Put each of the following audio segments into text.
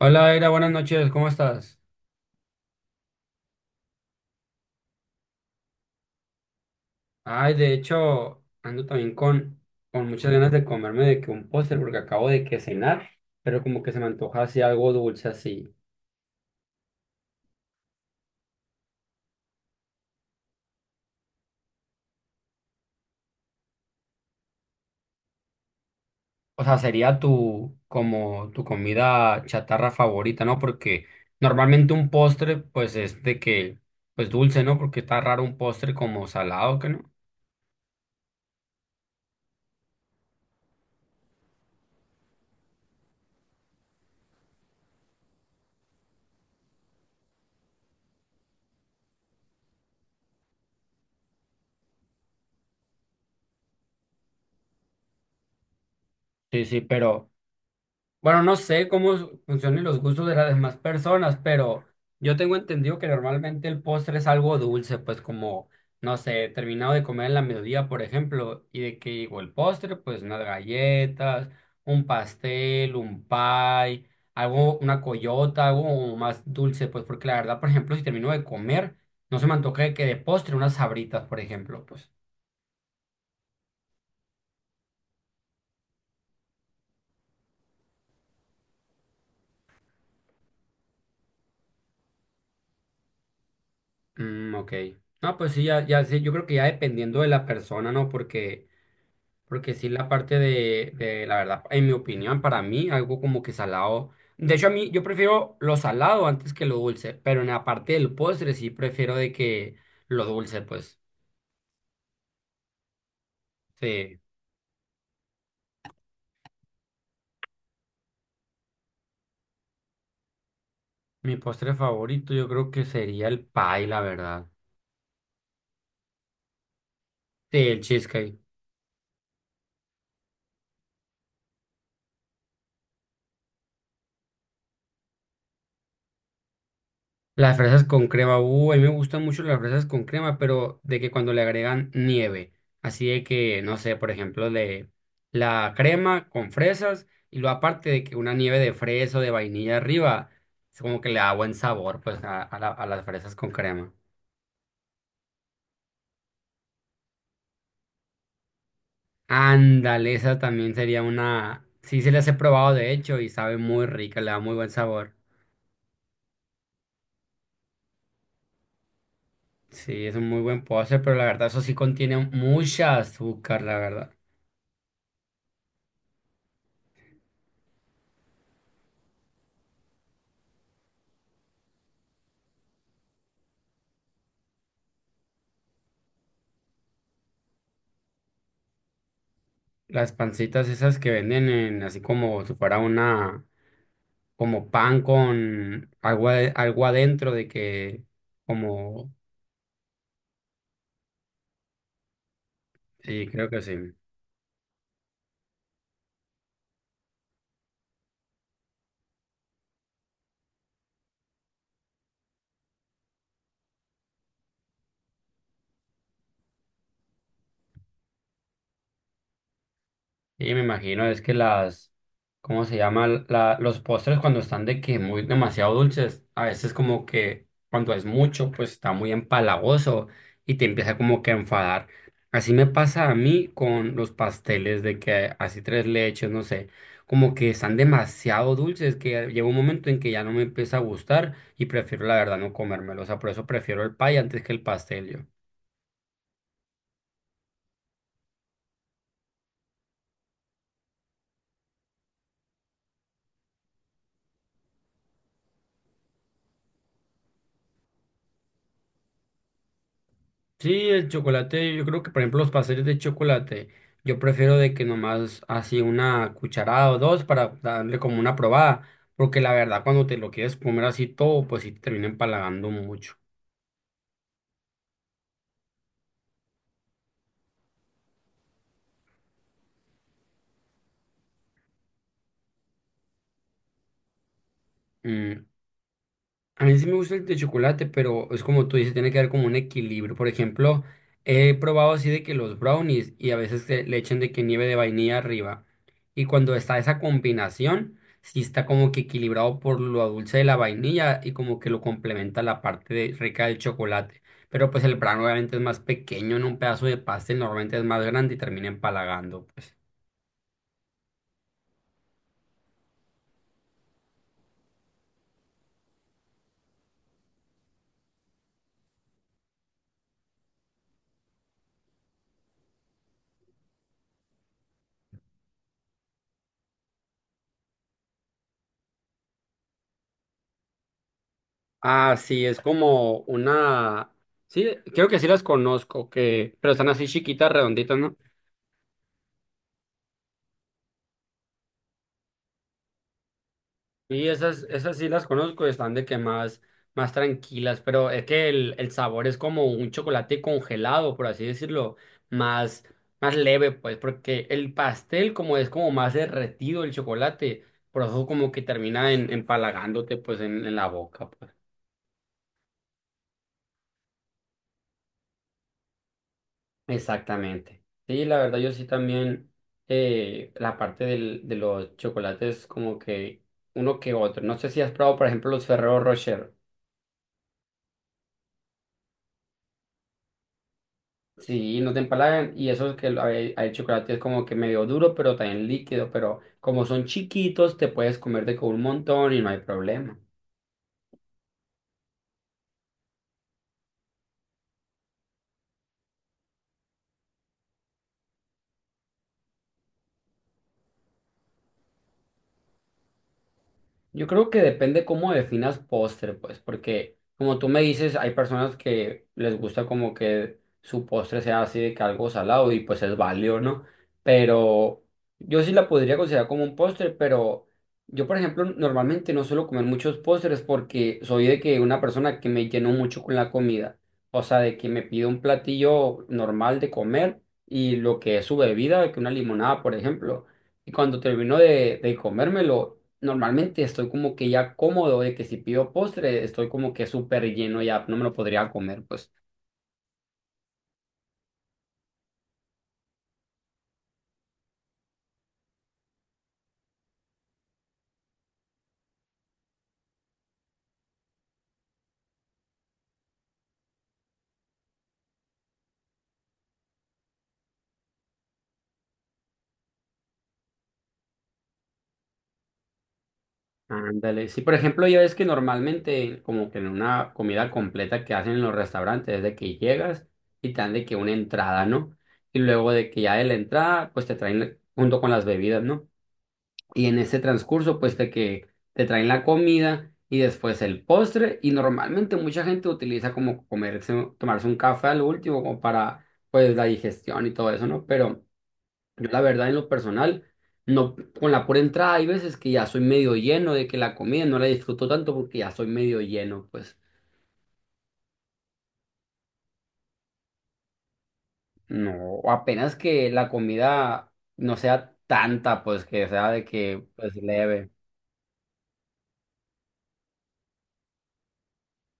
Hola, Era, buenas noches, ¿cómo estás? Ay, de hecho, ando también con muchas ganas de comerme de que un póster porque acabo de que cenar, pero como que se me antoja así algo dulce así. O sea, sería tu, como tu comida chatarra favorita, ¿no? Porque normalmente un postre, pues es de que, pues dulce, ¿no? Porque está raro un postre como salado, ¿que no? Sí, sí, pero... Bueno, no sé cómo funcionan los gustos de las demás personas, pero yo tengo entendido que normalmente el postre es algo dulce, pues como, no sé, terminado de comer en la mediodía, por ejemplo, y de que digo el postre, pues unas galletas, un pastel, un pie, algo, una coyota, algo como más dulce, pues porque la verdad, por ejemplo, si termino de comer, no se me antoje que de postre unas sabritas, por ejemplo, pues. Mm, ok. No, pues sí, ya sé. Yo creo que ya dependiendo de la persona, ¿no? Porque... Porque sí, la parte de, la verdad, en mi opinión, para mí, algo como que salado. De hecho, a mí, yo prefiero lo salado antes que lo dulce, pero en la parte del postre sí prefiero de que lo dulce, pues. Sí. Mi postre favorito yo creo que sería el pie, la verdad. Sí, el cheesecake. Las fresas con crema, a mí me gustan mucho las fresas con crema, pero de que cuando le agregan nieve, así de que, no sé, por ejemplo, de la crema con fresas y luego aparte de que una nieve de fresa o de vainilla arriba, es como que le da buen sabor pues a a las fresas con crema. Ándale, esa también sería una, sí, se las he probado de hecho y sabe muy rica, le da muy buen sabor. Sí, es un muy buen postre, pero la verdad eso sí contiene mucha azúcar, la verdad. Las pancitas esas que venden en, así como si fuera una, como pan con agua, algo adentro de que, como, sí, creo que sí. Y me imagino es que las, ¿cómo se llama? La, los postres cuando están de que muy demasiado dulces, a veces como que cuando es mucho, pues está muy empalagoso y te empieza como que a enfadar. Así me pasa a mí con los pasteles de que así tres leches, no sé, como que están demasiado dulces que llega un momento en que ya no me empieza a gustar y prefiero la verdad no comérmelo. O sea, por eso prefiero el pay antes que el pastel yo. Sí, el chocolate, yo creo que por ejemplo los pasteles de chocolate, yo prefiero de que nomás así una cucharada o dos para darle como una probada, porque la verdad cuando te lo quieres comer así todo, pues sí te termina empalagando mucho. Mm, a mí sí me gusta el de chocolate, pero es como tú dices, tiene que haber como un equilibrio. Por ejemplo, he probado así de que los brownies y a veces que le echan de que nieve de vainilla arriba. Y cuando está esa combinación, sí está como que equilibrado por lo dulce de la vainilla y como que lo complementa la rica del chocolate. Pero pues el brownie obviamente es más pequeño, en un pedazo de pastel normalmente es más grande y termina empalagando, pues. Ah, sí, es como una... Sí, creo que sí las conozco, que... pero están así chiquitas, redonditas, ¿no? Y esas, esas sí las conozco, están de que más, más tranquilas, pero es que el sabor es como un chocolate congelado, por así decirlo, más, más leve, pues, porque el pastel como es como más derretido el chocolate, por eso como que termina en, empalagándote pues en la boca, pues. Exactamente. Sí, la verdad yo sí también la parte del, de los chocolates como que uno que otro. No sé si has probado, por ejemplo, los Ferrero Rocher. Sí, no te empalagan. Y eso es que el, hay chocolate es como que medio duro, pero también líquido. Pero como son chiquitos, te puedes comer de con un montón y no hay problema. Yo creo que depende cómo definas postre, pues, porque como tú me dices, hay personas que les gusta como que su postre sea así de que algo salado y pues es válido, ¿no? Pero yo sí la podría considerar como un postre, pero yo, por ejemplo, normalmente no suelo comer muchos postres porque soy de que una persona que me lleno mucho con la comida, o sea, de que me pido un platillo normal de comer y lo que es su bebida, que una limonada, por ejemplo. Y cuando termino de comérmelo, normalmente estoy como que ya cómodo de que si pido postre, estoy como que súper lleno ya, no me lo podría comer, pues. Ándale. Sí, por ejemplo, ya ves que normalmente, como que en una comida completa que hacen en los restaurantes, es de que llegas y te dan de que una entrada, ¿no? Y luego de que ya de la entrada, pues te traen junto con las bebidas, ¿no? Y en ese transcurso, pues de que te traen la comida y después el postre. Y normalmente mucha gente utiliza como comerse, tomarse un café al último como para pues la digestión y todo eso, ¿no? Pero yo la verdad en lo personal, no, con la pura entrada hay veces que ya soy medio lleno de que la comida no la disfruto tanto porque ya soy medio lleno, pues no, o apenas que la comida no sea tanta, pues que sea de que pues leve.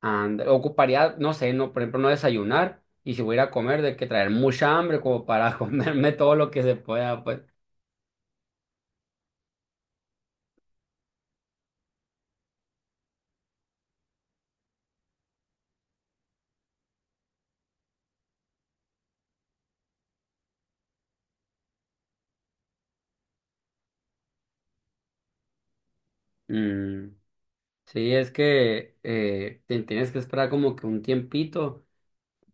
And, ocuparía, no sé, no, por ejemplo, no desayunar y si voy a ir a comer, de que traer mucha hambre como para comerme todo lo que se pueda, pues. Mm, sí, es que te tienes que esperar como que un tiempito,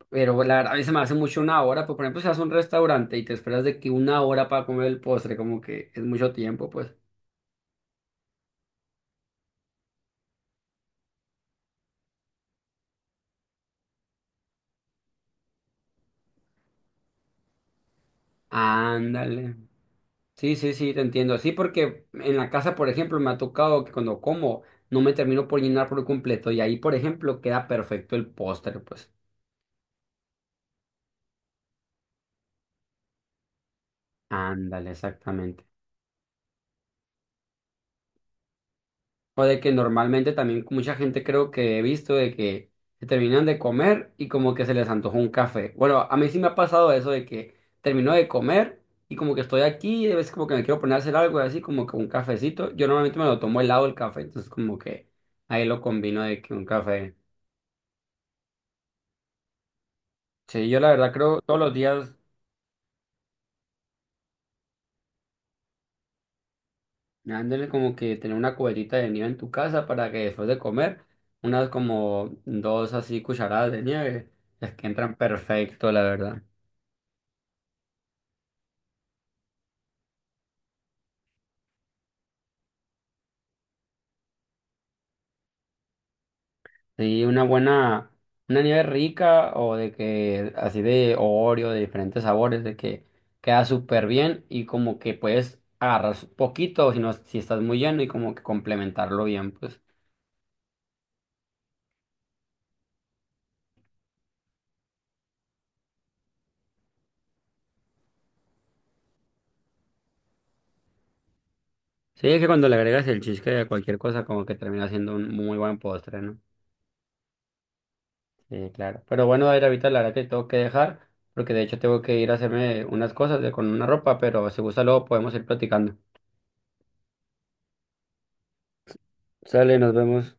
pero la verdad, a mí se me hace mucho una hora, pues, por ejemplo, si vas a un restaurante y te esperas de que una hora para comer el postre, como que es mucho tiempo, pues. Ándale. Sí, sí, sí, te entiendo. Sí, porque en la casa, por ejemplo, me ha tocado que cuando como no me termino por llenar por completo y ahí, por ejemplo, queda perfecto el postre, pues. Ándale, exactamente. O de que normalmente también mucha gente creo que he visto de que se terminan de comer y como que se les antojó un café. Bueno, a mí sí me ha pasado eso de que termino de comer y como que estoy aquí y a veces como que me quiero poner a hacer algo así como que un cafecito. Yo normalmente me lo tomo helado el café, entonces como que ahí lo combino de que un café. Sí, yo la verdad creo todos los días dándole como que tener una cubetita de nieve en tu casa para que después de comer unas como dos así cucharadas de nieve, es que entran perfecto, la verdad. Sí, una buena, una nieve rica o de que así de Oreo, de diferentes sabores, de que queda súper bien y como que puedes agarrar poquito si no, si estás muy lleno y como que complementarlo bien, pues. Sí, es que cuando le agregas el cheesecake a cualquier cosa como que termina siendo un muy buen postre, ¿no? Sí, claro. Pero bueno, a ver, ahorita la verdad que tengo que dejar, porque de hecho tengo que ir a hacerme unas cosas de, con una ropa, pero si gusta luego podemos ir platicando. Sale, nos vemos.